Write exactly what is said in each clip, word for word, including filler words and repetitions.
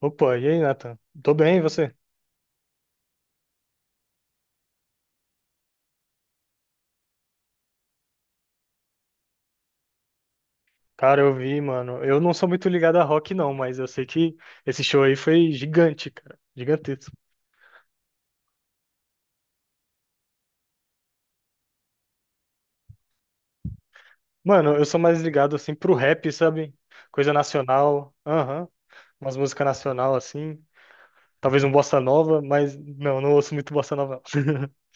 Opa, e aí, Nathan? Tô bem, e você? Cara, eu vi, mano. Eu não sou muito ligado a rock, não, mas eu sei que esse show aí foi gigante, cara. Gigantesco. Mano, eu sou mais ligado, assim, pro rap, sabe? Coisa nacional. Aham. Umas músicas nacional, assim. Talvez um bossa nova, mas não, não ouço muito bossa nova. não.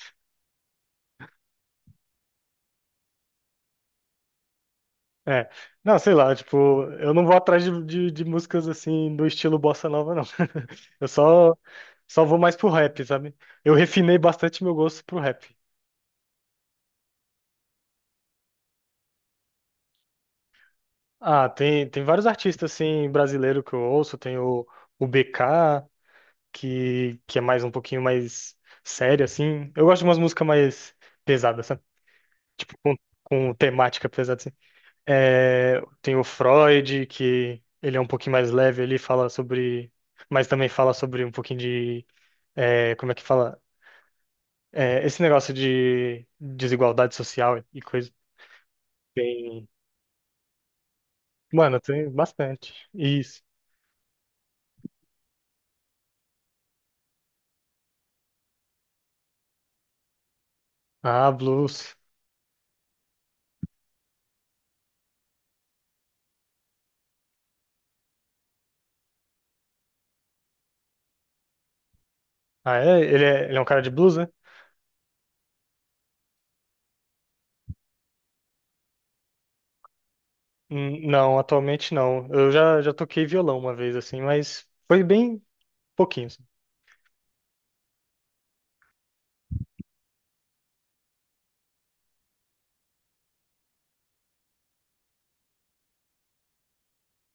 É. Não, sei lá, tipo, eu não vou atrás de, de, de músicas, assim, do estilo bossa nova, não. Eu só, só vou mais pro rap, sabe? Eu refinei bastante meu gosto pro rap. Ah, tem, tem vários artistas assim brasileiro que eu ouço, tem o, o B K, que, que é mais um pouquinho mais sério assim. Eu gosto de umas músicas mais pesadas, sabe? Com, com temática pesada assim. É, tem o Freud, que ele é um pouquinho mais leve, ele fala sobre, mas também fala sobre um pouquinho de, é, como é que fala? É, esse negócio de desigualdade social e coisa. Tem, mano, tem bastante. Isso. Ah, blues. Ah, é? Ele é, ele é um cara de blues, né? Hum, não, atualmente não. Eu já, já toquei violão uma vez, assim, mas foi bem pouquinho. Assim.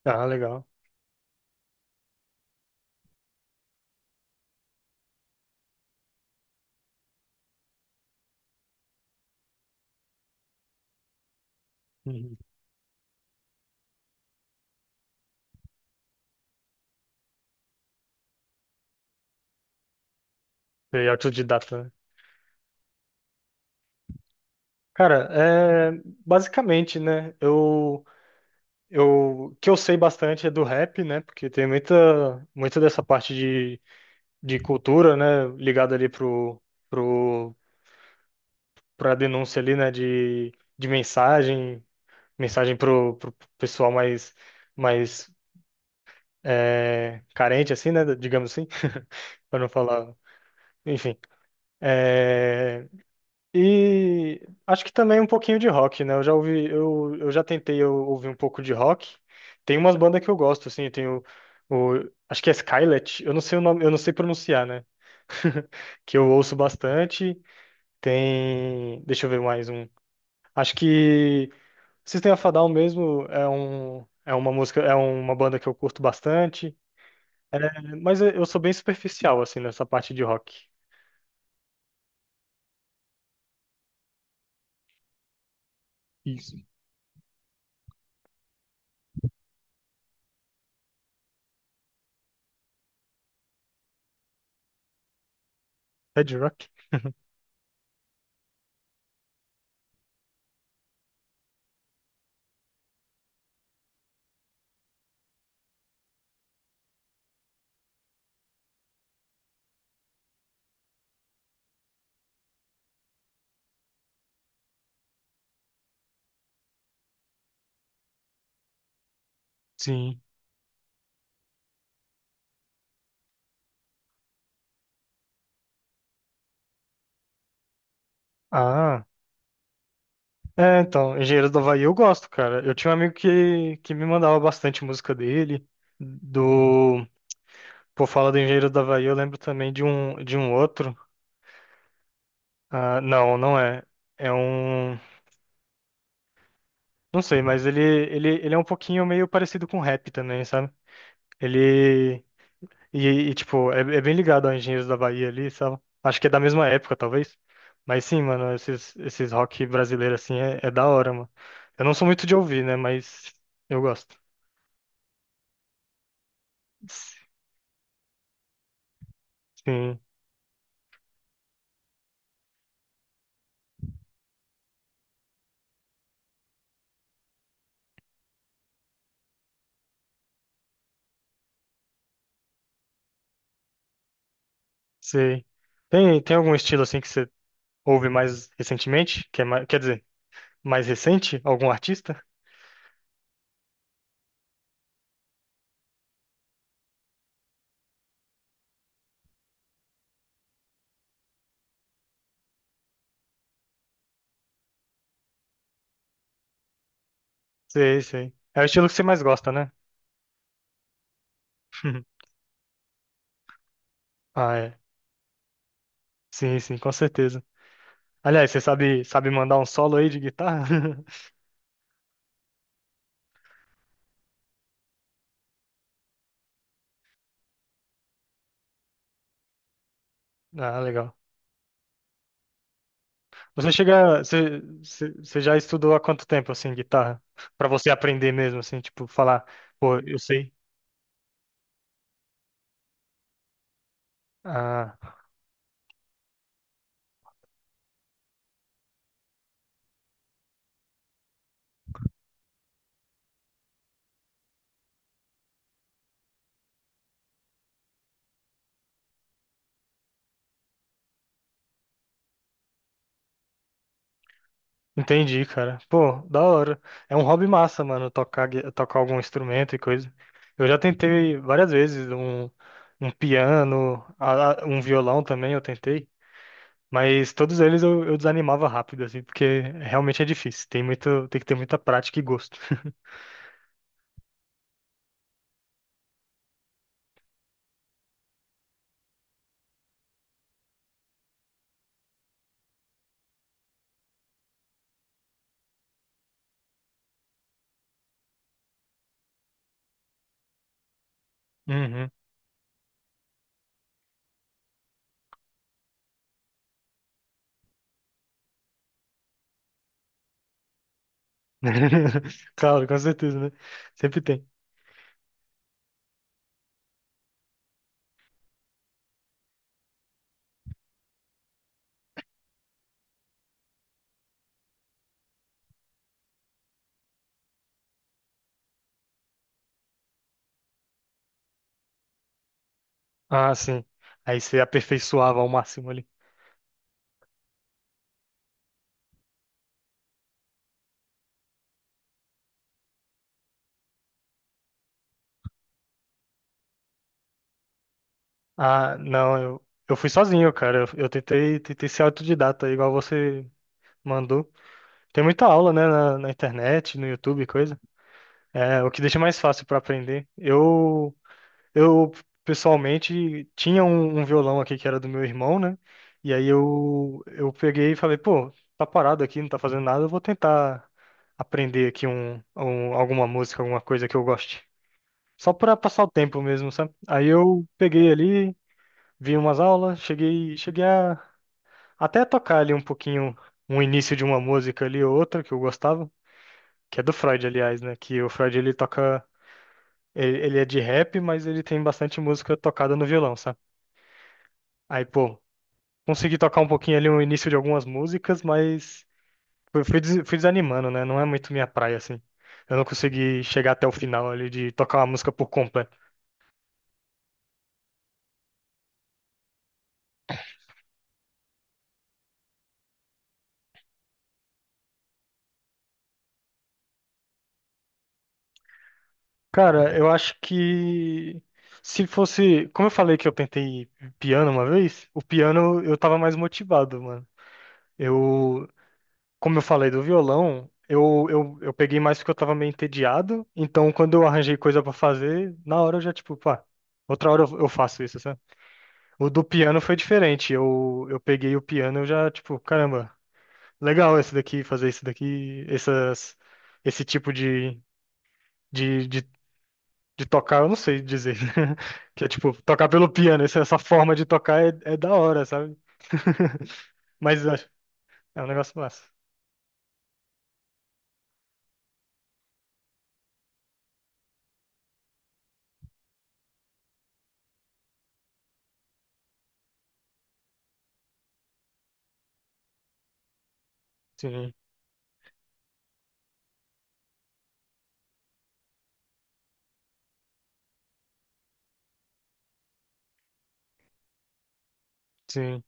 Ah, legal. Uhum. E autodidata, né? Cara, é, basicamente, né? Eu, eu, o que eu sei bastante é do rap, né? Porque tem muita, muita dessa parte de, de cultura, né? Ligada ali pro, pro, pra denúncia ali, né? De, de mensagem, mensagem pro, pro pessoal mais. mais é, carente, assim, né? Digamos assim, para não falar. Enfim. É, e acho que também um pouquinho de rock, né? Eu já ouvi, eu, eu já tentei eu, ouvir um pouco de rock. Tem umas bandas que eu gosto, assim, tem o, o- acho que é Skillet, eu não sei o nome, eu não sei pronunciar, né? Que eu ouço bastante. Tem, deixa eu ver mais um. Acho que System of a Down mesmo é um, é uma música, é uma banda que eu curto bastante. É, mas eu eu sou bem superficial, assim, nessa parte de rock. Isso. É de rock? Sim. Ah, é, então, Engenheiro do Havaí eu gosto, cara. Eu tinha um amigo que, que me mandava bastante música dele. Do. Por falar do Engenheiro do Havaí, eu lembro também de um, de um outro. Ah, não, não é. É um. Não sei, mas ele, ele, ele é um pouquinho meio parecido com rap também, sabe? Ele. E, e, tipo, é, é bem ligado a Engenheiros da Bahia ali, sabe? Acho que é da mesma época, talvez. Mas sim, mano, esses, esses rock brasileiro assim é, é da hora, mano. Eu não sou muito de ouvir, né? Mas eu gosto. Sim, sei. Tem, tem algum estilo assim que você ouve mais recentemente? Que é mais, quer dizer, mais recente? Algum artista? Sei, sei. É o estilo que você mais gosta, né? Ah, é. Sim, sim, com certeza. Aliás, você sabe, sabe mandar um solo aí de guitarra? Ah, legal. Você chega, você, você você já estudou há quanto tempo assim guitarra? Pra você aprender mesmo assim, tipo falar, pô, eu sei. Ah, entendi, cara. Pô, da hora. É um hobby massa, mano, tocar gui- tocar algum instrumento e coisa. Eu já tentei várias vezes um um piano, a- a- um violão também eu tentei. Mas todos eles eu, eu desanimava rápido, assim, porque realmente é difícil. Tem muito, tem que ter muita prática e gosto. Uhum. Claro, com certeza, né? Sempre tem. Ah, sim. Aí você aperfeiçoava ao máximo ali. Ah, não, eu, eu fui sozinho, cara. Eu, eu tentei, tentei ser autodidata, igual você mandou. Tem muita aula, né, na, na internet, no YouTube, e coisa. É, o que deixa mais fácil para aprender. Eu, eu pessoalmente tinha um, um violão aqui que era do meu irmão, né? E aí eu, eu peguei e falei, pô, tá parado aqui, não tá fazendo nada, eu vou tentar aprender aqui um, um- alguma música, alguma coisa que eu goste. Só para passar o tempo mesmo, sabe? Aí eu peguei ali, vi umas aulas, cheguei, cheguei a até tocar ali um pouquinho, um início de uma música ali ou outra que eu gostava. Que é do Freud, aliás, né? Que o Freud ele toca, ele, ele é de rap, mas ele tem bastante música tocada no violão, sabe? Aí, pô, consegui tocar um pouquinho ali no início de algumas músicas, mas fui, fui des- fui desanimando, né? Não é muito minha praia, assim. Eu não consegui chegar até o final ali de tocar uma música por completo. Cara, eu acho que se fosse, como eu falei que eu tentei piano uma vez, o piano eu tava mais motivado, mano. Eu, como eu falei do violão, eu, eu, eu peguei mais porque eu tava meio entediado. Então, quando eu arranjei coisa pra fazer, na hora eu já, tipo, pá, outra hora eu, eu faço isso, sabe? O do piano foi diferente. Eu, eu peguei o piano, eu já, tipo, caramba, legal esse daqui, fazer isso daqui, essas, esse tipo de, de, de, de tocar, eu não sei dizer. Que é, tipo, tocar pelo piano, essa, essa forma de tocar é, é da hora, sabe? Mas eu acho- é um negócio massa. Sim, sim.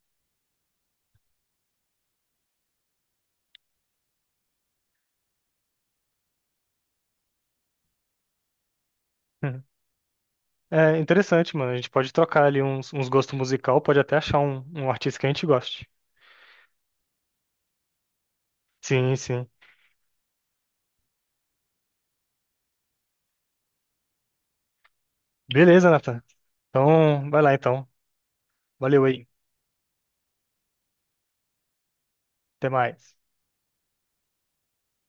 É interessante, mano. A gente pode trocar ali uns, uns gostos musical, pode até achar um, um artista que a gente goste. Sim, sim. Beleza, Nathan. Então, vai lá então. Valeu aí. Até mais.